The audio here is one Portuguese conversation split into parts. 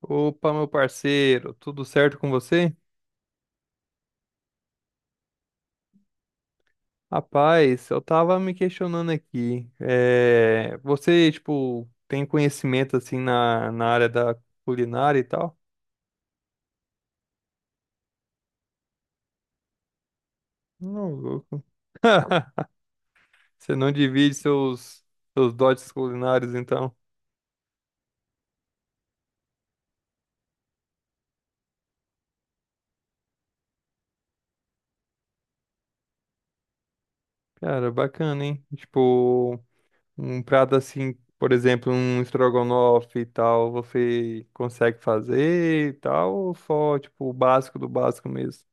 Opa, meu parceiro, tudo certo com você? Rapaz, eu tava me questionando aqui. Você, tipo, tem conhecimento assim na área da culinária e tal? Não, louco. Você não divide seus, seus dotes culinários, então? Cara, bacana, hein? Tipo, um prato assim, por exemplo, um estrogonofe e tal, você consegue fazer e tal, ou só, tipo, o básico do básico mesmo?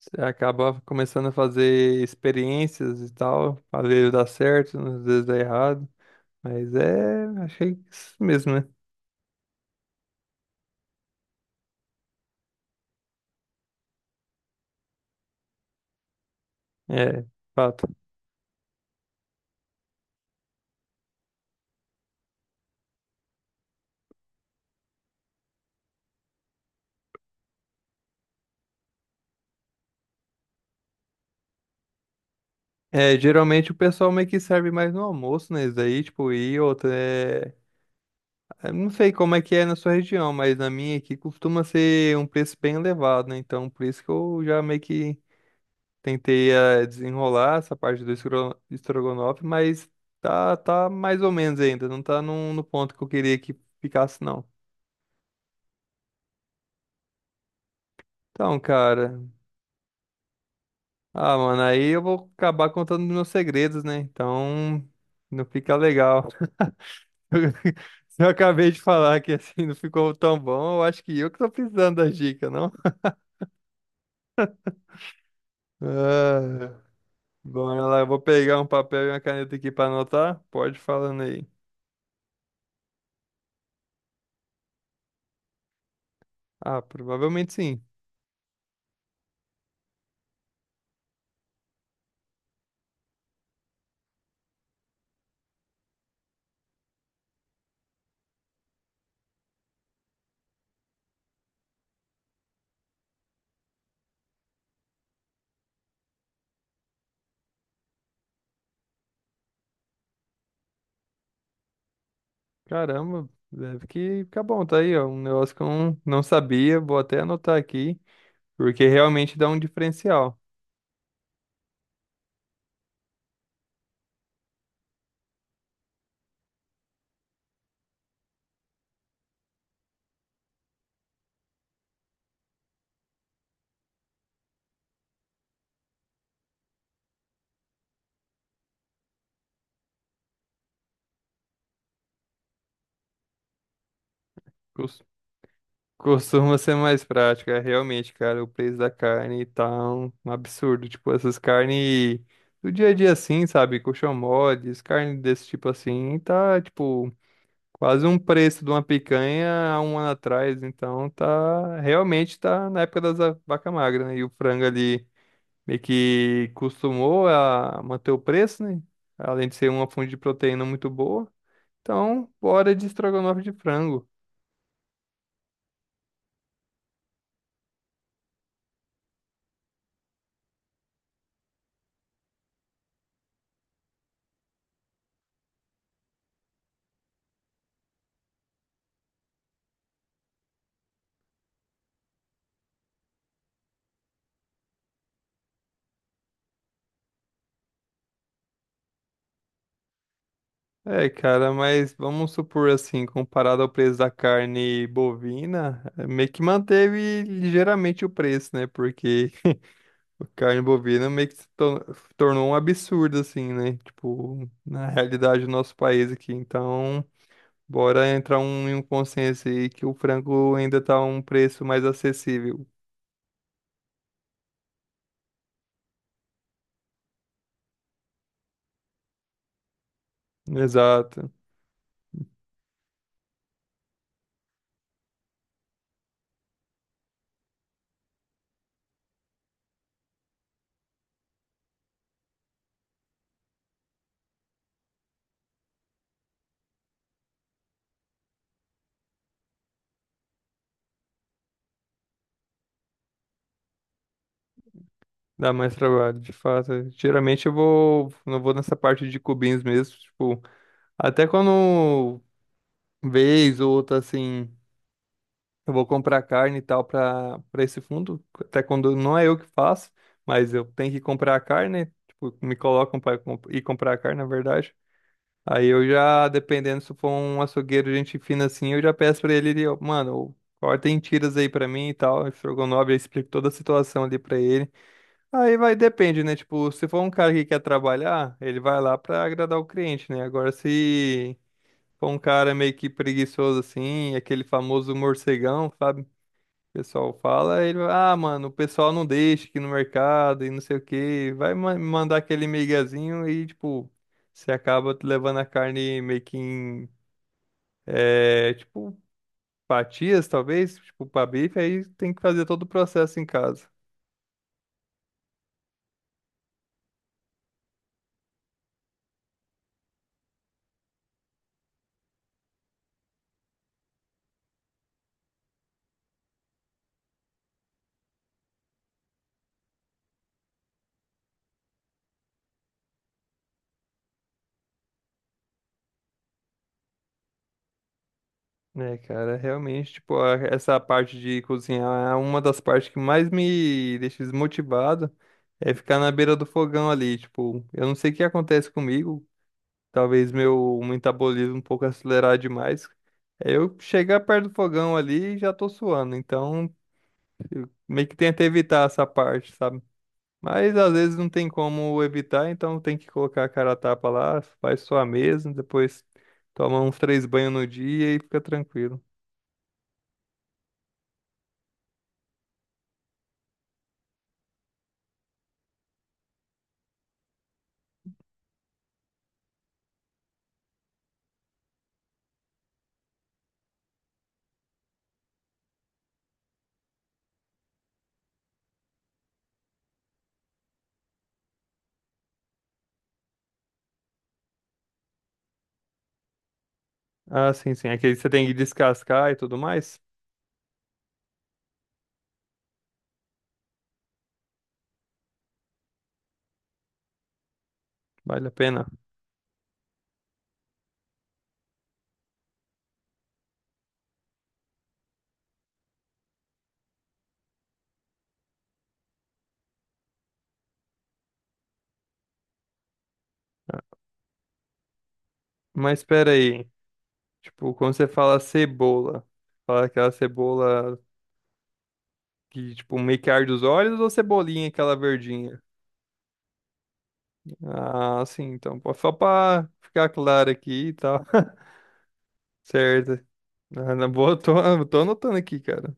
Você acaba começando a fazer experiências e tal, às vezes dá certo, às vezes dá errado, mas é, achei isso mesmo, né? É, fato. É, geralmente o pessoal meio que serve mais no almoço, né? Isso daí, tipo, e outra, é... eu não sei como é que é na sua região, mas na minha aqui costuma ser um preço bem elevado, né? Então, por isso que eu já meio que tentei desenrolar essa parte do estrogonofe, mas tá mais ou menos ainda. Não tá no ponto que eu queria que ficasse, não. Então, cara. Ah, mano, aí eu vou acabar contando meus segredos, né? Então, não fica legal. Se eu acabei de falar que assim não ficou tão bom, eu acho que eu que tô precisando da dica, não? Ah, bora lá, eu vou pegar um papel e uma caneta aqui pra anotar. Pode ir falando aí. Ah, provavelmente sim. Caramba, deve que ficar bom, tá aí, ó. Um negócio que eu não sabia, vou até anotar aqui, porque realmente dá um diferencial. Cos- Costuma ser mais prático, é realmente, cara, o preço da carne tá um absurdo. Tipo, essas carnes do dia a dia assim, sabe? Colchão moles, carne desse tipo assim, tá, tipo, quase um preço de uma picanha há um ano atrás. Então, tá, realmente tá na época vaca magra, né? E o frango ali meio que costumou a manter o preço, né? Além de ser uma fonte de proteína muito boa. Então, bora de estrogonofe de frango. É, cara, mas vamos supor assim, comparado ao preço da carne bovina, meio que manteve ligeiramente o preço, né? Porque a carne bovina meio que se tor- tornou um absurdo, assim, né? Tipo, na realidade do nosso país aqui. Então, bora entrar em um consenso aí que o frango ainda tá um preço mais acessível. Exato. Dá mais trabalho, de fato. Geralmente eu vou, não vou nessa parte de cubinhos mesmo, tipo, até quando vez ou outra assim, eu vou comprar carne e tal para esse fundo, até quando não é eu que faço, mas eu tenho que comprar a carne, tipo, me colocam para ir comprar a carne, na verdade. Aí eu já, dependendo se for um açougueiro, gente fina assim, eu já peço pra ele, ó, mano, corta em tiras aí pra mim e tal, estrogonofe, eu explico toda a situação ali pra ele. Aí vai, depende, né? Tipo, se for um cara que quer trabalhar, ele vai lá pra agradar o cliente, né? Agora, se for um cara meio que preguiçoso assim, aquele famoso morcegão, sabe? O pessoal fala, ele vai, ah, mano, o pessoal não deixa aqui no mercado e não sei o quê. Vai mandar aquele miguezinho e, tipo, você acaba levando a carne meio que em, é, tipo, fatias, talvez, tipo, pra bife, aí tem que fazer todo o processo em casa. É, cara, realmente, tipo, essa parte de cozinhar é uma das partes que mais me deixa desmotivado, é ficar na beira do fogão ali, tipo, eu não sei o que acontece comigo, talvez meu metabolismo um pouco acelerado demais, é eu chegar perto do fogão ali e já tô suando, então eu meio que tento evitar essa parte, sabe? Mas às vezes não tem como evitar, então tem que colocar a cara a tapa lá, faz sua mesmo, depois toma uns três banhos no dia e fica tranquilo. Ah, sim, sim. Aquele você tem que descascar e tudo mais. Vale a pena. Mas espera aí. Tipo, quando você fala cebola, fala aquela cebola que, tipo, meio que arde os olhos ou cebolinha, aquela verdinha? Ah, sim. Então, pô, só pra ficar claro aqui e tal. Certo. Ah, na boa, eu tô anotando aqui, cara.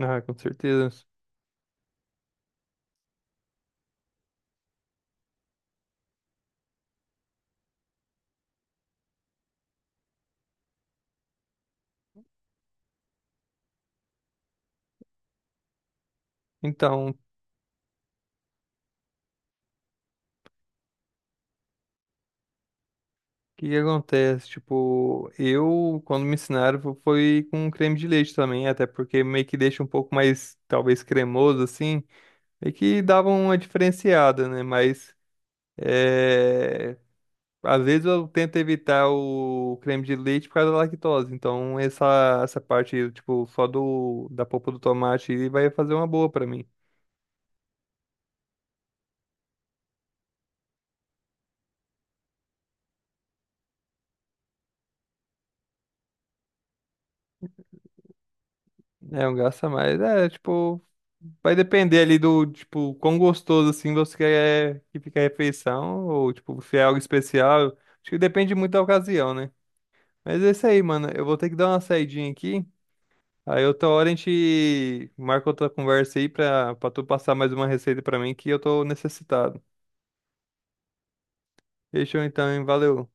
Ah, com certeza. Então, o que que acontece? Tipo, eu, quando me ensinaram, foi com creme de leite também, até porque meio que deixa um pouco mais, talvez, cremoso, assim, meio que dava uma diferenciada, né? Mas, é... às vezes eu tento evitar o creme de leite por causa da lactose, então essa parte, tipo, só do, da polpa do tomate aí vai fazer uma boa pra mim. É, um gasta mais. É, tipo, vai depender ali do, tipo, quão gostoso, assim, você quer que fique a refeição, ou, tipo, se é algo especial. Acho que depende muito da ocasião, né? Mas é isso aí, mano. Eu vou ter que dar uma saidinha aqui. Aí outra hora a gente marca outra conversa aí pra tu passar mais uma receita pra mim que eu tô necessitado. Fechou então, hein? Valeu.